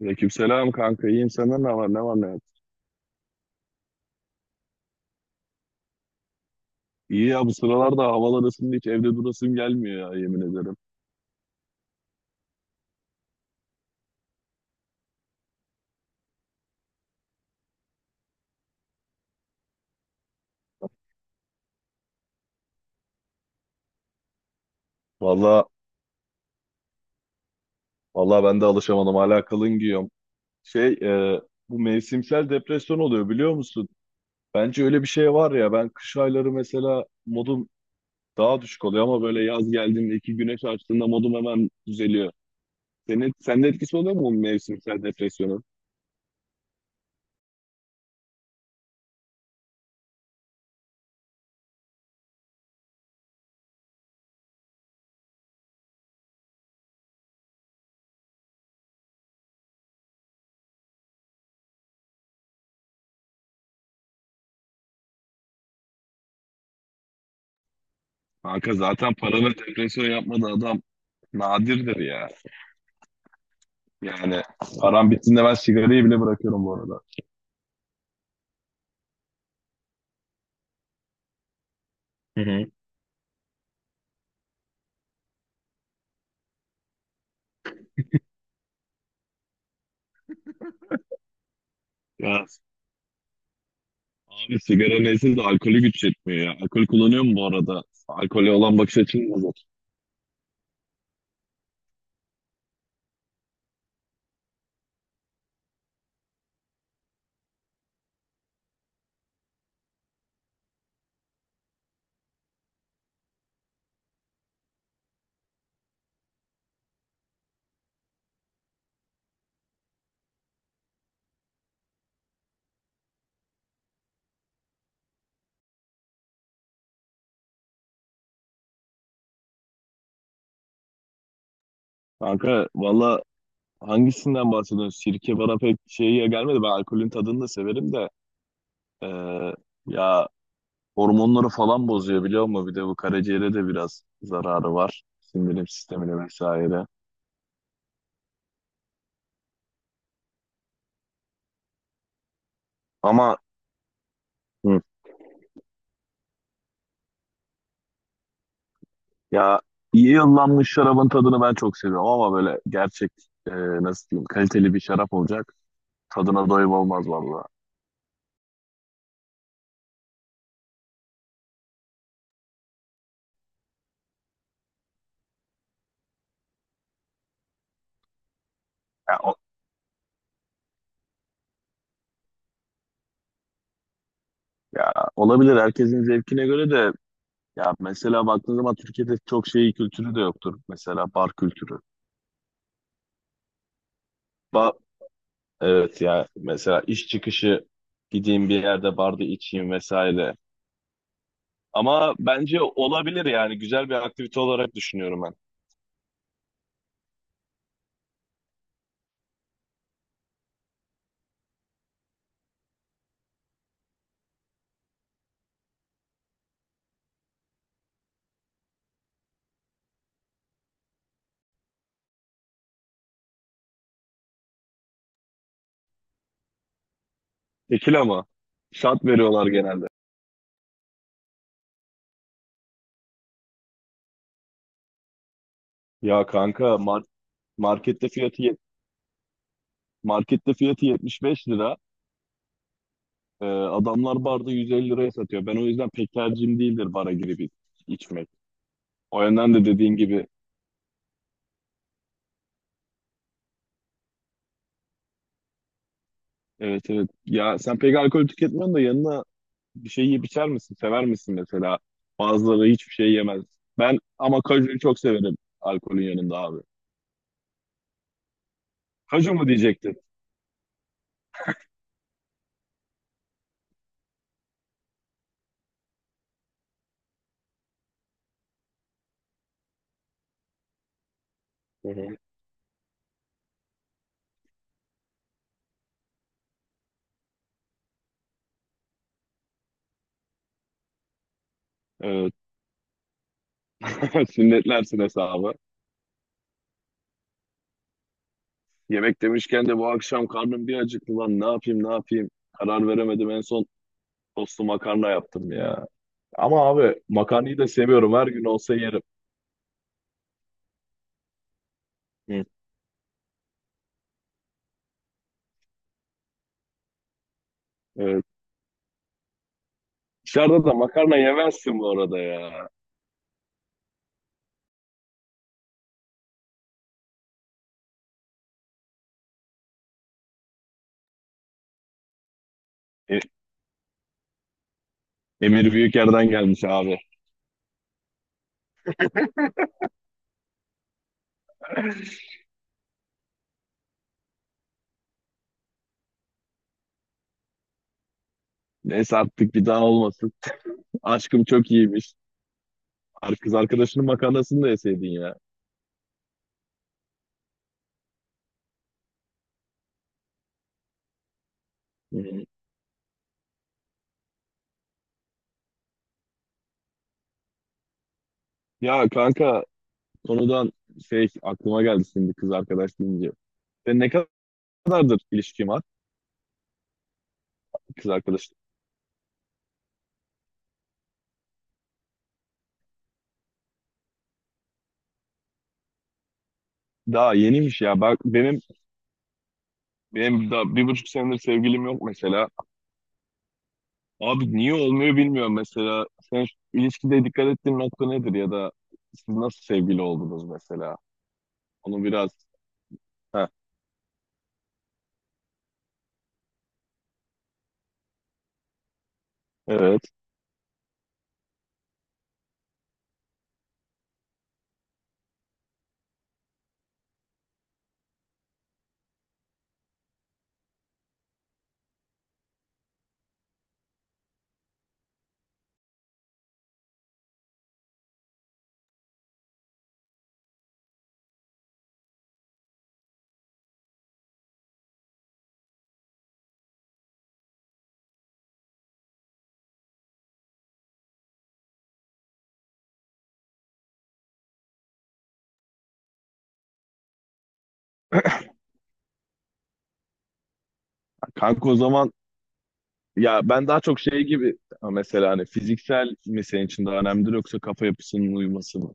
Aleykümselam kanka iyiyim senden ne var ne yok. İyi ya bu sıralarda havalar ısındı hiç evde durasım gelmiyor ya yemin ederim. Valla valla ben de alışamadım hala kalın giyiyorum. Şey, bu mevsimsel depresyon oluyor biliyor musun? Bence öyle bir şey var ya, ben kış ayları mesela modum daha düşük oluyor ama böyle yaz geldiğinde iki güneş açtığında modum hemen düzeliyor. Sende etkisi oluyor mu bu mevsimsel depresyonun? Kanka zaten para ve depresyon yapmadığı adam nadirdir ya. Yani param bittiğinde ben sigarayı bile bırakıyorum bu arada. Hı hı. Ya abi sigara neyse de alkolü güç yetmiyor ya. Alkol kullanıyor mu bu arada? Alkole olan bakış açın nasıl? Kanka valla hangisinden bahsediyorsun? Sirke bana pek şeye gelmedi. Ben alkolün tadını da severim de. eee, Ya hormonları falan bozuyor biliyor musun? Bir de bu karaciğere de biraz zararı var. Sindirim sistemine vesaire. Ama. Hı. Ya iyi yıllanmış şarabın tadını ben çok seviyorum ama böyle gerçek e, nasıl diyeyim, kaliteli bir şarap olacak. Tadına doyum olmaz valla. Ya, o- Ya olabilir, herkesin zevkine göre de. Ya mesela baktığın zaman Türkiye'de çok şey kültürü de yoktur. Mesela bar kültürü. Ba evet ya, mesela iş çıkışı gideyim bir yerde barda içeyim vesaire. Ama bence olabilir yani, güzel bir aktivite olarak düşünüyorum ben. Tekila ama şat veriyorlar genelde. Ya kanka markette fiyatı Markette fiyatı 75 lira. Adamlar barda 150 liraya satıyor. Ben o yüzden pek tercihim değildir bara girip içmek. O yönden de dediğin gibi, evet evet. Ya sen pek alkol tüketmiyorsun da yanına bir şey yiyip içer misin? Sever misin mesela? Bazıları hiçbir şey yemez. Ben ama kajuyu çok severim alkolün yanında abi. Kaju mu diyecektin? Hı hı. Evet. Sünnetlersin hesabı. Yemek demişken de bu akşam karnım bir acıktı lan. Ne yapayım ne yapayım? Karar veremedim en son, tostlu makarna yaptım ya. Ama abi makarnayı da seviyorum. Her gün olsa yerim. Hı. Evet. Dışarıda da makarna yemezsin bu arada ya. E- Emir Büyüker'den gelmiş abi. Neyse, artık bir daha olmasın. Aşkım çok iyiymiş. Kız arkadaşının makarnasını da yeseydin ya. Hı. Ya kanka konudan şey aklıma geldi şimdi, kız arkadaş deyince. Sen ne kadardır ilişkin var kız arkadaş? Daha yeniymiş ya. Bak benim daha 1,5 senedir sevgilim yok mesela. Abi niye olmuyor bilmiyorum mesela. Sen şu ilişkide dikkat ettiğin nokta nedir, ya da siz nasıl sevgili oldunuz mesela? Onu biraz... Heh, evet. Kanka o zaman, ya ben daha çok şey gibi ha, mesela hani fiziksel mi senin için daha önemlidir yoksa kafa yapısının uyuması mı?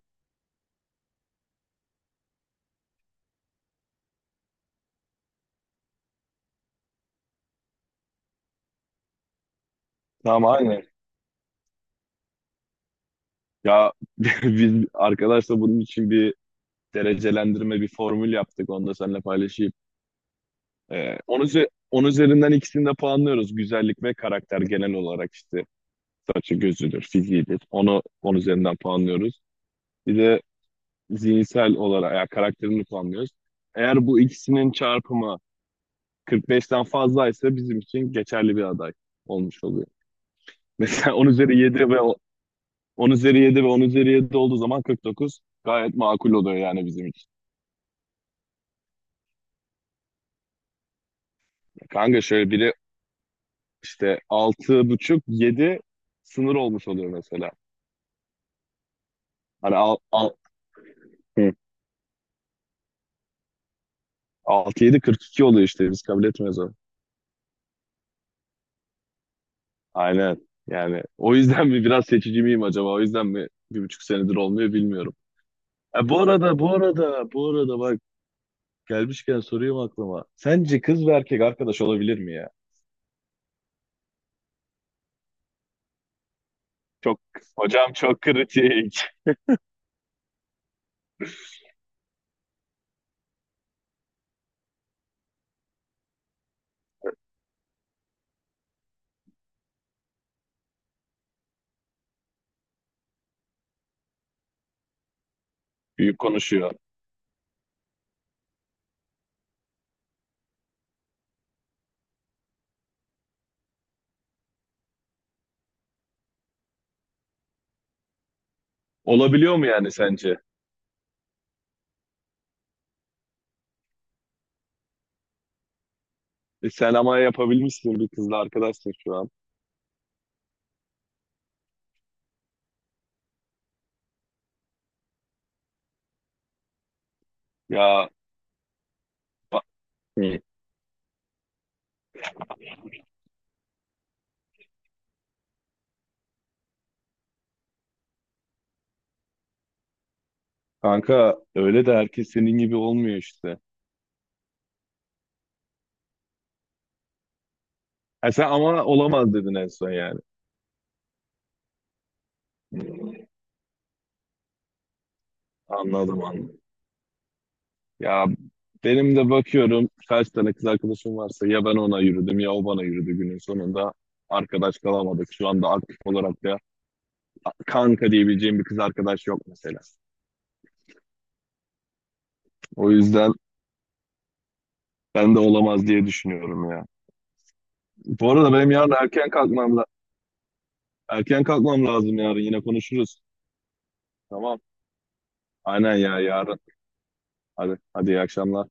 Tamam, aynen. Ya biz arkadaşla bunun için bir derecelendirme, bir formül yaptık. Onu da seninle paylaşayım. Onun üzerinden ikisini de puanlıyoruz. Güzellik ve karakter, genel olarak işte. Saçı, gözüdür, fiziğidir. Onu 10 üzerinden puanlıyoruz. Bir de zihinsel olarak yani karakterini puanlıyoruz. Eğer bu ikisinin çarpımı 45'ten fazlaysa bizim için geçerli bir aday olmuş oluyor. Mesela 10 üzeri 7 ve 10 üzeri 7 ve 10 üzeri 7 olduğu zaman 49 gayet makul oluyor yani bizim için. Kanka şöyle biri, işte 6,5 7 sınır olmuş oluyor mesela. Hani al, al. Hı. 6-7 42 oluyor işte, biz kabul etmiyoruz onu. Aynen. Yani o yüzden mi biraz seçici miyim acaba? O yüzden mi 1,5 senedir olmuyor bilmiyorum. E, bu arada, bak gelmişken sorayım aklıma. Sence kız ve erkek arkadaş olabilir mi ya? Çok hocam, çok kritik. Büyük konuşuyor. Olabiliyor mu yani sence? E, sen ama yapabilmişsin, bir kızla arkadaşsın şu an. Ya bak. Hı. Kanka öyle de herkes senin gibi olmuyor işte. E sen ama olamaz dedin en son yani. Anladım anladım. Ya benim de bakıyorum kaç tane kız arkadaşım varsa ya ben ona yürüdüm ya o bana yürüdü günün sonunda. Arkadaş kalamadık. Şu anda aktif olarak da kanka diyebileceğim bir kız arkadaş yok mesela. O yüzden ben de olamaz diye düşünüyorum ya. Bu arada benim yarın erken kalkmam erken kalkmam lazım, yarın yine konuşuruz. Tamam. Aynen ya, yarın. Hadi hadi, iyi akşamlar.